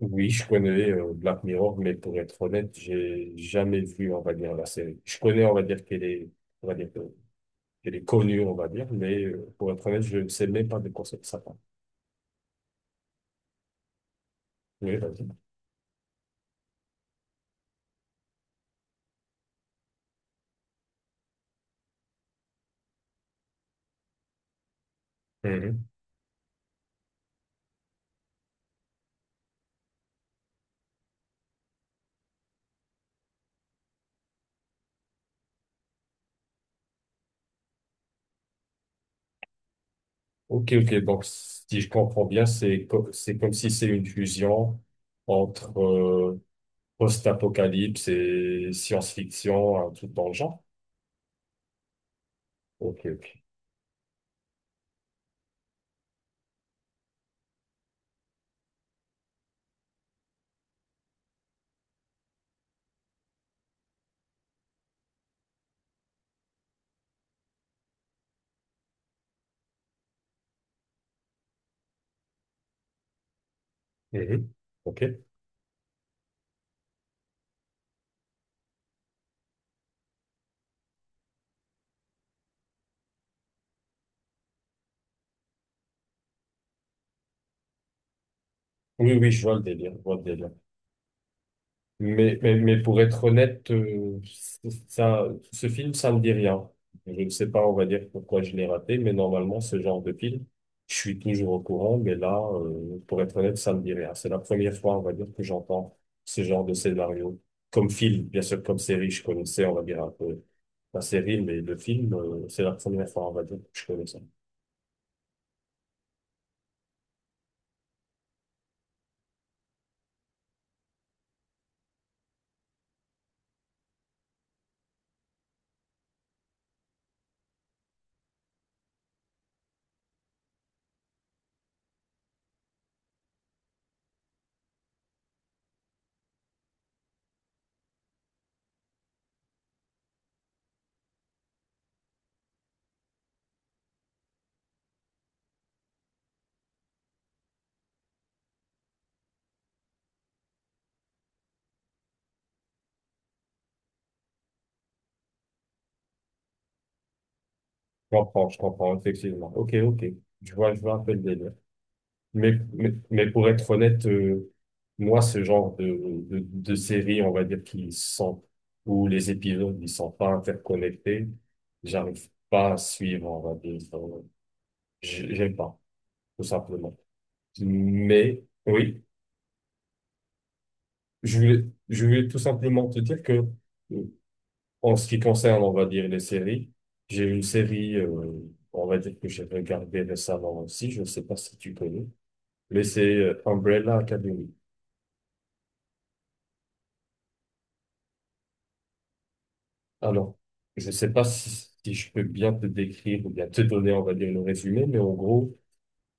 Oui, je connais Black Mirror, mais pour être honnête, j'ai jamais vu, on va dire, la série. Je connais, on va dire, qu'elle est, on va dire, qu'elle est connue, on va dire, mais pour être honnête, je ne sais même pas de quoi ça parle. Oui, vas-y. Mhm. Ok, ok, donc si je comprends bien, c'est comme si c'est une fusion entre post-apocalypse et science-fiction, un truc dans le genre. Ok, ok. Mhm. Ok. Oui, oui, je vois le délire, je vois le délire. Mais pour être honnête, ça, ce film, ça me dit rien. Je ne sais pas, on va dire, pourquoi je l'ai raté, mais normalement, ce genre de film, je suis toujours au courant, mais là, pour être honnête, ça me dit rien. C'est la première fois, on va dire, que j'entends ce genre de scénario. Comme film, bien sûr, comme série, je connaissais, on va dire, un peu la série, mais le film, c'est la première fois, on va dire, que je connais ça. Je comprends, effectivement. Ok, ok. Je vois un peu le délire. Mais pour être honnête, moi, ce genre de série, on va dire, qui sont, où les épisodes, ils sont pas interconnectés, j'arrive pas à suivre, on va dire. J'aime pas, tout simplement. Mais, oui, je voulais tout simplement te dire que, euh, en ce qui concerne, on va dire, les séries, j'ai une série, on va dire, que j'ai regardée récemment aussi, je ne sais pas si tu connais, mais c'est Umbrella Academy. Alors, je ne sais pas si je peux bien te décrire ou bien te donner, on va dire, le résumé, mais en gros,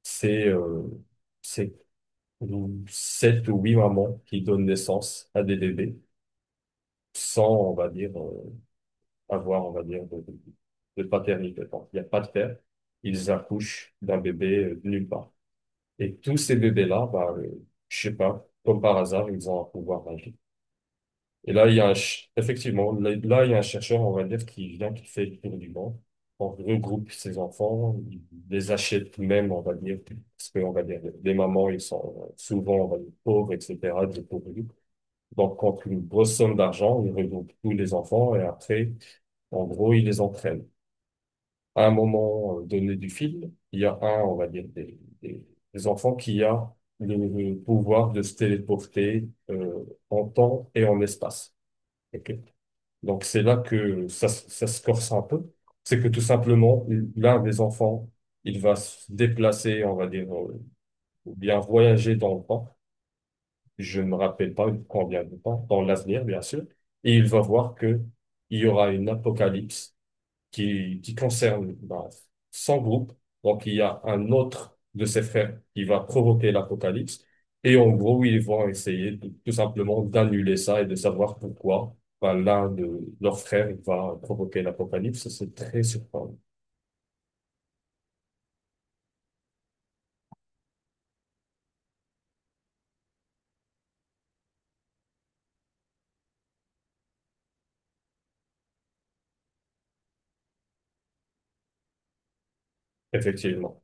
c'est euh, c'est sept ou huit mamans qui donnent naissance à des bébés sans, on va dire, avoir, on va dire, de paternité. Donc, il n'y a pas de père. Ils accouchent d'un bébé de nulle part. Et tous ces bébés-là, bah, je sais pas, comme par hasard, ils ont un pouvoir magique. Et là, il y a effectivement, il y a un chercheur, on va dire, qui vient, qui fait le tour du monde, on regroupe ses enfants, il les achète même, on va dire, parce que, on va dire, les mamans, ils sont souvent, on va dire, pauvres, etc., dépourvus. Donc, contre une grosse somme d'argent, il regroupe tous les enfants et après, en gros, il les entraîne. À un moment donné du film, il y a un, on va dire, des enfants qui a le pouvoir de se téléporter en temps et en espace. Ok donc c'est là que ça se corse un peu. C'est que tout simplement, l'un des enfants, il va se déplacer, on va dire, ou bien voyager dans le temps. Je ne me rappelle pas combien de temps, dans l'avenir, bien sûr. Et il va voir que il y aura une apocalypse qui concerne bah, 100 groupes. Donc, il y a un autre de ses frères qui va provoquer l'apocalypse. Et en gros, ils vont essayer tout simplement d'annuler ça et de savoir pourquoi bah, l'un de leurs frères va provoquer l'apocalypse. C'est très surprenant. Effectivement.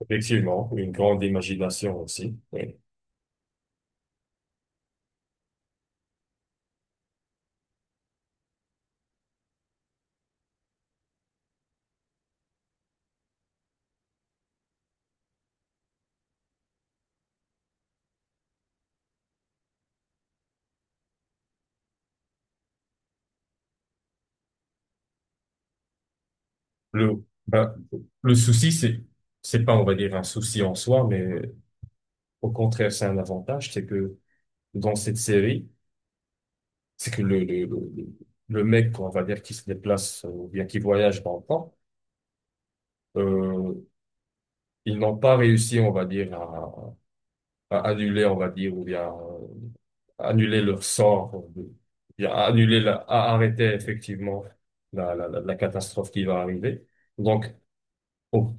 Effectivement, une grande imagination aussi. Oui. Le, ben, le souci, c'est, pas, on va dire, un souci en soi, mais au contraire, c'est un avantage, c'est que dans cette série, c'est que le- mec, on va dire, qui se déplace ou bien qui voyage dans le temps, euh, ils n'ont pas réussi, on va dire, à annuler, on va dire, ou bien annuler leur sort, bien, à annuler, à arrêter effectivement la catastrophe qui va arriver. Donc, au,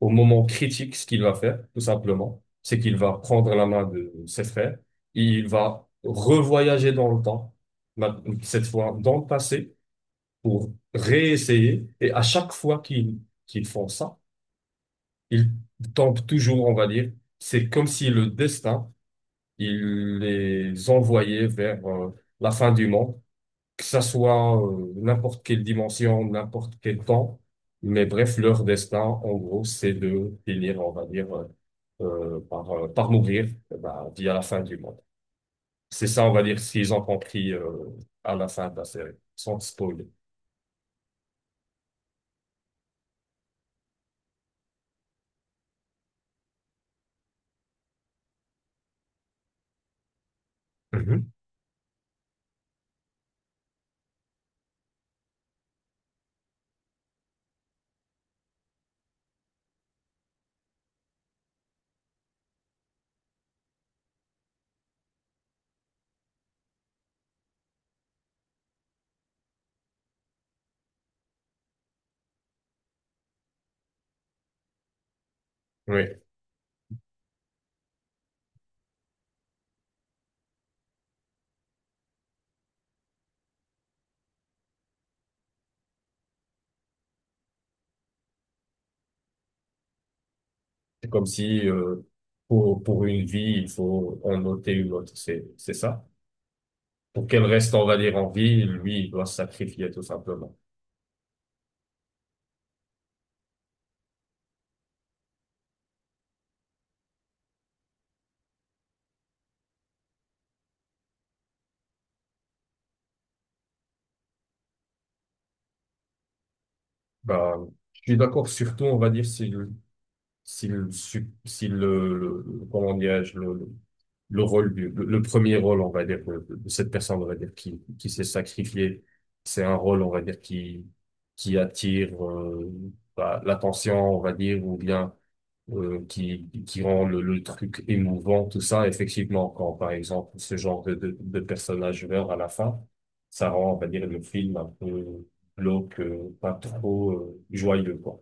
au moment critique, ce qu'il va faire, tout simplement, c'est qu'il va prendre la main de ses frères, il va revoyager dans le temps, ma- cette fois dans le passé, pour réessayer. Et à chaque fois qu'ils font ça, ils tombent toujours, on va dire. C'est comme si le destin, il les envoyait vers la fin du monde, que ça soit n'importe quelle dimension, n'importe quel temps. Mais bref, leur destin, en gros, c'est de finir, on va dire, par mourir eh ben, via la fin du monde. C'est ça, on va dire, ce qu'ils ont compris à la fin de la série, sans spoiler. Mhm. Oui. C'est comme si pour une vie, il faut en ôter une autre. C'est ça. Pour qu'elle reste, on va dire, en vie, lui, il doit se sacrifier tout simplement. Ben, je suis d'accord, surtout, on va dire, si le, comment dirais-je, le rôle du, le premier rôle, on va dire, de cette personne, on va dire, qui s'est sacrifiée, c'est un rôle, on va dire, qui attire bah, l'attention, on va dire, ou bien qui rend le truc émouvant, tout ça. Effectivement, quand par exemple ce genre de personnage meurt à la fin, ça rend, on va dire, le film un peu glauque, pas trop joyeux, quoi.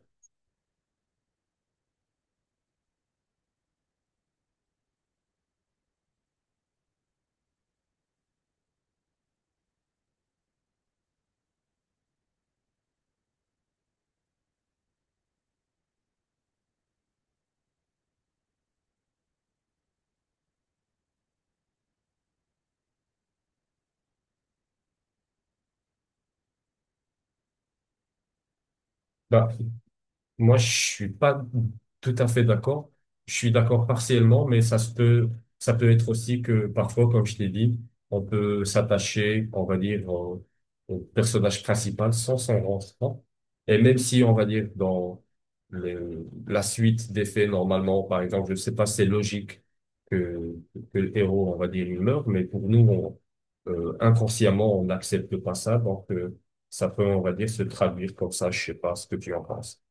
Bah, moi, je suis pas tout à fait d'accord. Je suis d'accord partiellement, mais ça se peut, ça peut être aussi que parfois, comme je l'ai dit, on peut s'attacher, on va dire, au, au personnage principal sans s'en rendre compte. Et même si, on va dire, dans la suite des faits, normalement, par exemple, je sais pas, c'est logique que, que le héros, on va dire, il meurt, mais pour nous, inconsciemment, on n'accepte pas ça, donc, ça peut, on va dire, se traduire comme ça. Je sais pas ce que tu en penses.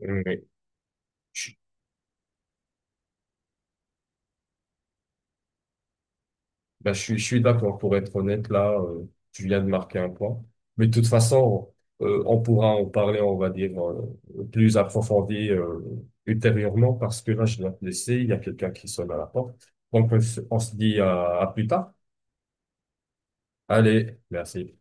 Oui, je, je suis d'accord. Pour être honnête, là, tu viens de marquer un point. Mais de toute façon, on pourra en parler, on va dire, plus approfondi ultérieurement, parce que là, je dois te laisser. Il y a quelqu'un qui sonne à la porte. Donc, on se dit à plus tard. Allez, merci.